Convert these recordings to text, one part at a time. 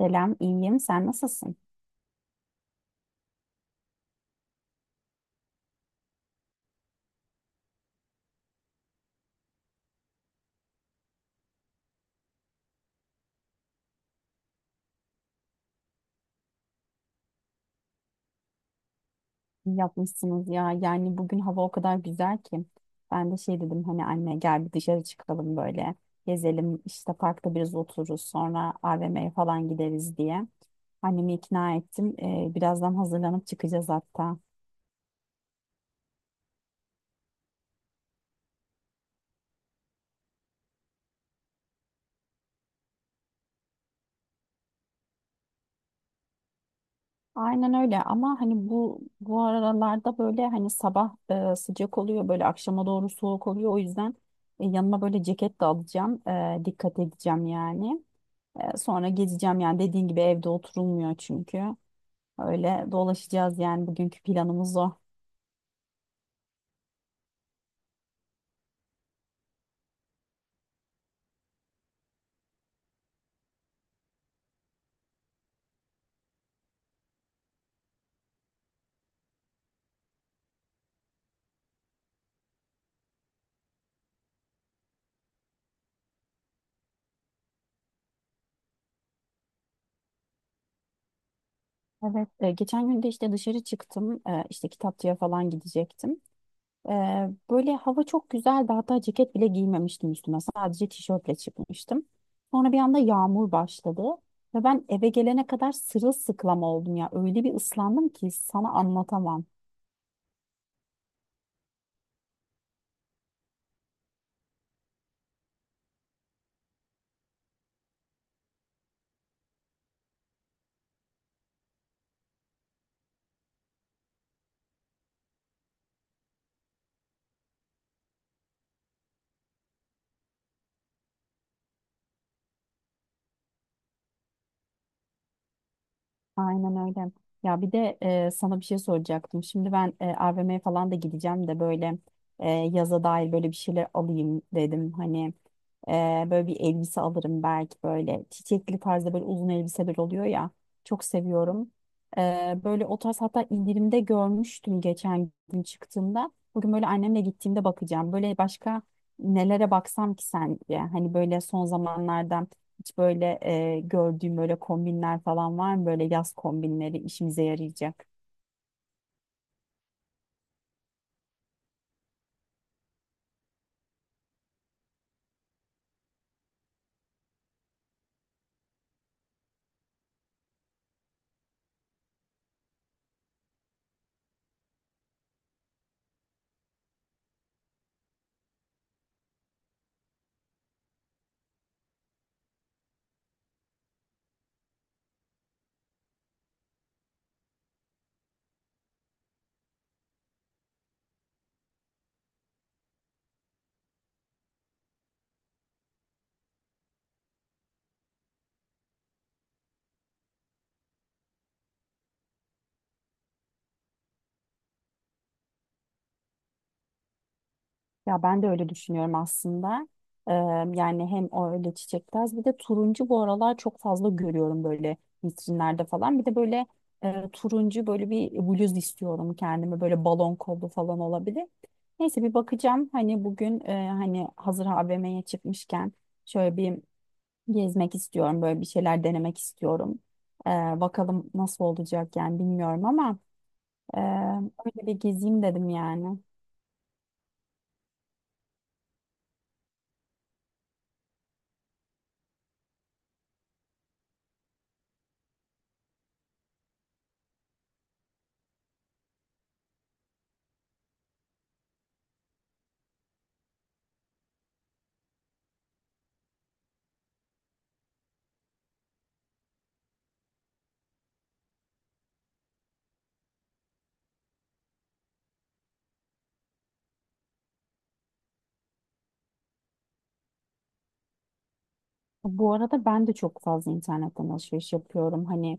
Selam, iyiyim. Sen nasılsın? İyi yapmışsınız ya. Yani bugün hava o kadar güzel ki. Ben de şey dedim hani anne gel bir dışarı çıkalım böyle. Gezelim işte parkta biraz otururuz sonra AVM'ye falan gideriz diye. Annemi ikna ettim. Birazdan hazırlanıp çıkacağız hatta. Aynen öyle ama hani bu aralarda böyle hani sabah sıcak oluyor böyle akşama doğru soğuk oluyor. O yüzden yanıma böyle ceket de alacağım. Dikkat edeceğim yani. Sonra gezeceğim yani dediğin gibi evde oturulmuyor çünkü. Öyle dolaşacağız yani bugünkü planımız o. Evet. Geçen gün de işte dışarı çıktım. İşte kitapçıya falan gidecektim. Böyle hava çok güzeldi. Hatta ceket bile giymemiştim üstüme. Sadece tişörtle çıkmıştım. Sonra bir anda yağmur başladı. Ve ben eve gelene kadar sırılsıklam oldum ya. Öyle bir ıslandım ki sana anlatamam. Aynen öyle. Ya bir de sana bir şey soracaktım. Şimdi ben AVM'ye falan da gideceğim de böyle yaza dair böyle bir şeyler alayım dedim. Hani Ee, böyle bir elbise alırım belki böyle çiçekli tarzda böyle uzun elbiseler oluyor ya. Çok seviyorum. Böyle o tarz hatta indirimde görmüştüm geçen gün çıktığımda. Bugün böyle annemle gittiğimde bakacağım. Böyle başka nelere baksam ki sence? Hani böyle son zamanlardan hiç böyle gördüğüm böyle kombinler falan var mı? Böyle yaz kombinleri işimize yarayacak. Ya ben de öyle düşünüyorum aslında. Eee, Yani hem o öyle çiçektaş bir de turuncu bu aralar çok fazla görüyorum böyle vitrinlerde falan. Bir de böyle turuncu böyle bir bluz istiyorum kendime böyle balon kollu falan olabilir. Neyse bir bakacağım hani bugün hani hazır AVM'ye çıkmışken şöyle bir gezmek istiyorum böyle bir şeyler denemek istiyorum. Eee, Bakalım nasıl olacak yani bilmiyorum ama eee öyle bir gezeyim dedim yani. Bu arada ben de çok fazla internetten alışveriş yapıyorum. Hani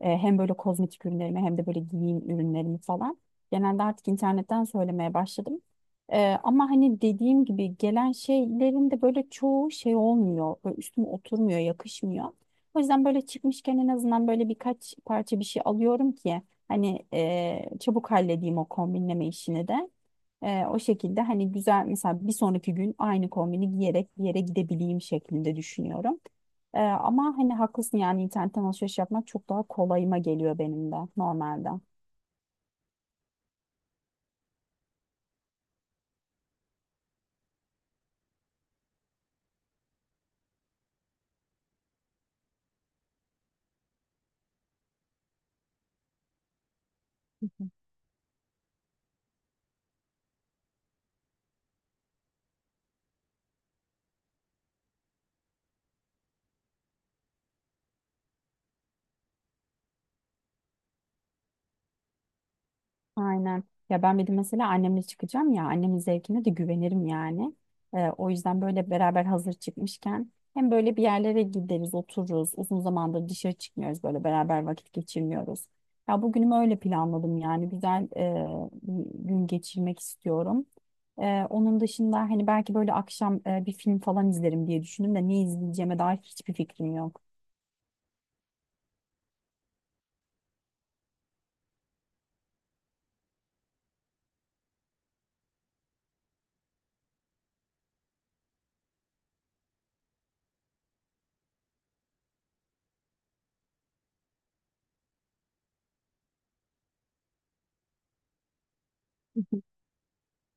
hem böyle kozmetik ürünlerimi hem de böyle giyim ürünlerimi falan. Genelde artık internetten söylemeye başladım. Ama hani dediğim gibi gelen şeylerin de böyle çoğu şey olmuyor. Böyle üstüme oturmuyor, yakışmıyor. O yüzden böyle çıkmışken en azından böyle birkaç parça bir şey alıyorum ki hani çabuk halledeyim o kombinleme işini de. O şekilde hani güzel mesela bir sonraki gün aynı kombini giyerek bir yere gidebileyim şeklinde düşünüyorum. Ama hani haklısın yani internetten alışveriş yapmak çok daha kolayıma geliyor benim de normalde. Hı hı. Aynen. Ya ben bir de mesela annemle çıkacağım ya annemin zevkine de güvenirim yani. O yüzden böyle beraber hazır çıkmışken hem böyle bir yerlere gideriz, otururuz. Uzun zamandır dışarı çıkmıyoruz böyle beraber vakit geçirmiyoruz. Ya bugünümü öyle planladım yani güzel bir gün geçirmek istiyorum. Onun dışında hani belki böyle akşam bir film falan izlerim diye düşündüm de ne izleyeceğime dair hiçbir fikrim yok.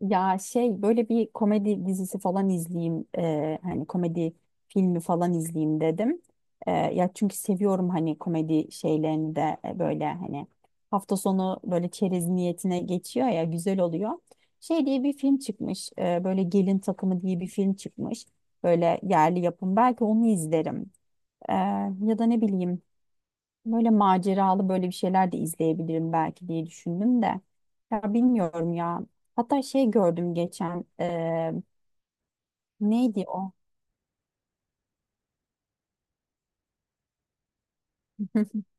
Ya şey böyle bir komedi dizisi falan izleyeyim hani komedi filmi falan izleyeyim dedim. Ya çünkü seviyorum hani komedi şeylerini de böyle hani hafta sonu böyle çerez niyetine geçiyor ya güzel oluyor. Şey diye bir film çıkmış böyle Gelin Takımı diye bir film çıkmış böyle yerli yapım belki onu izlerim. E, Ya da ne bileyim. Böyle maceralı böyle bir şeyler de izleyebilirim belki diye düşündüm de. Ya bilmiyorum ya. Hatta şey gördüm geçen. Neydi o?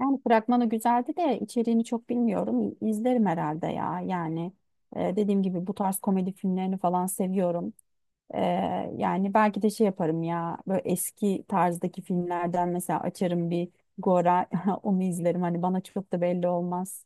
Yani fragmanı güzeldi de içeriğini çok bilmiyorum. İzlerim herhalde ya. Yani dediğim gibi bu tarz komedi filmlerini falan seviyorum. Yani belki de şey yaparım ya. Böyle eski tarzdaki filmlerden mesela açarım bir Gora onu izlerim. Hani bana çok da belli olmaz.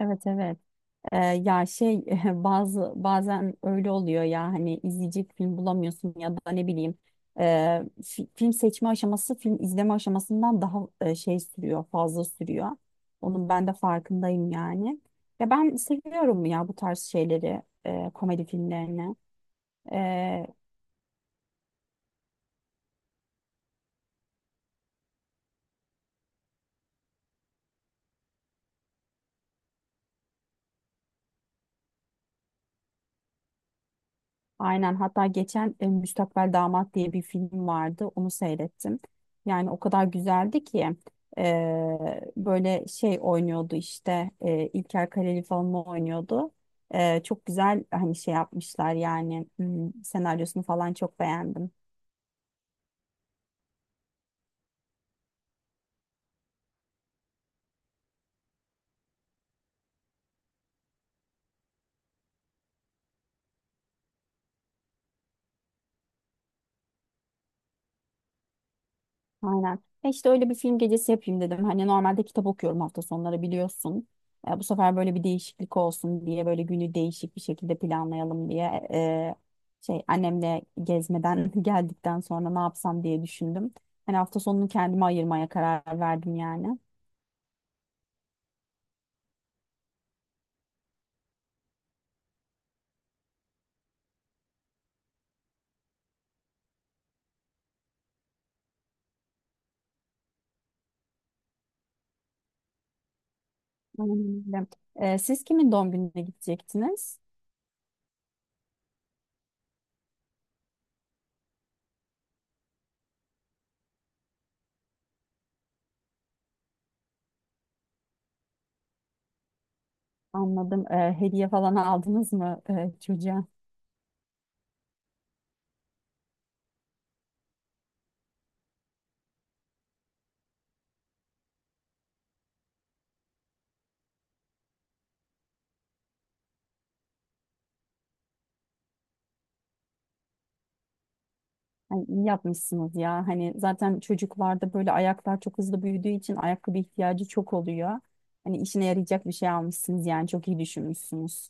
Evet, evet. Ya şey bazı bazen öyle oluyor ya hani izleyici film bulamıyorsun ya da ne bileyim e, film seçme aşaması film izleme aşamasından daha şey sürüyor fazla sürüyor. Onun ben de farkındayım yani. Ya ben seviyorum ya bu tarz şeyleri komedi filmlerini. Aynen hatta geçen Müstakbel Damat diye bir film vardı onu seyrettim. Yani o kadar güzeldi ki e, böyle şey oynuyordu işte İlker Kaleli falan oynuyordu. Çok güzel hani şey yapmışlar yani hmm, senaryosunu falan çok beğendim. Aynen. E işte öyle bir film gecesi yapayım dedim. Hani normalde kitap okuyorum hafta sonları biliyorsun. Bu sefer böyle bir değişiklik olsun diye böyle günü değişik bir şekilde planlayalım diye şey annemle gezmeden geldikten sonra ne yapsam diye düşündüm. Hani hafta sonunu kendime ayırmaya karar verdim yani. Aynen öyle. Siz kimin doğum gününe gidecektiniz? Anladım. Hediye falan aldınız mı çocuğa? Ay, iyi yapmışsınız ya. Hani zaten çocuklarda böyle ayaklar çok hızlı büyüdüğü için ayakkabı ihtiyacı çok oluyor. Hani işine yarayacak bir şey almışsınız yani çok iyi düşünmüşsünüz.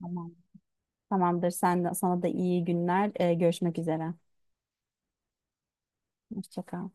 Tamam. Tamamdır. Sen de, sana da iyi günler. Görüşmek üzere. Hoşça kal.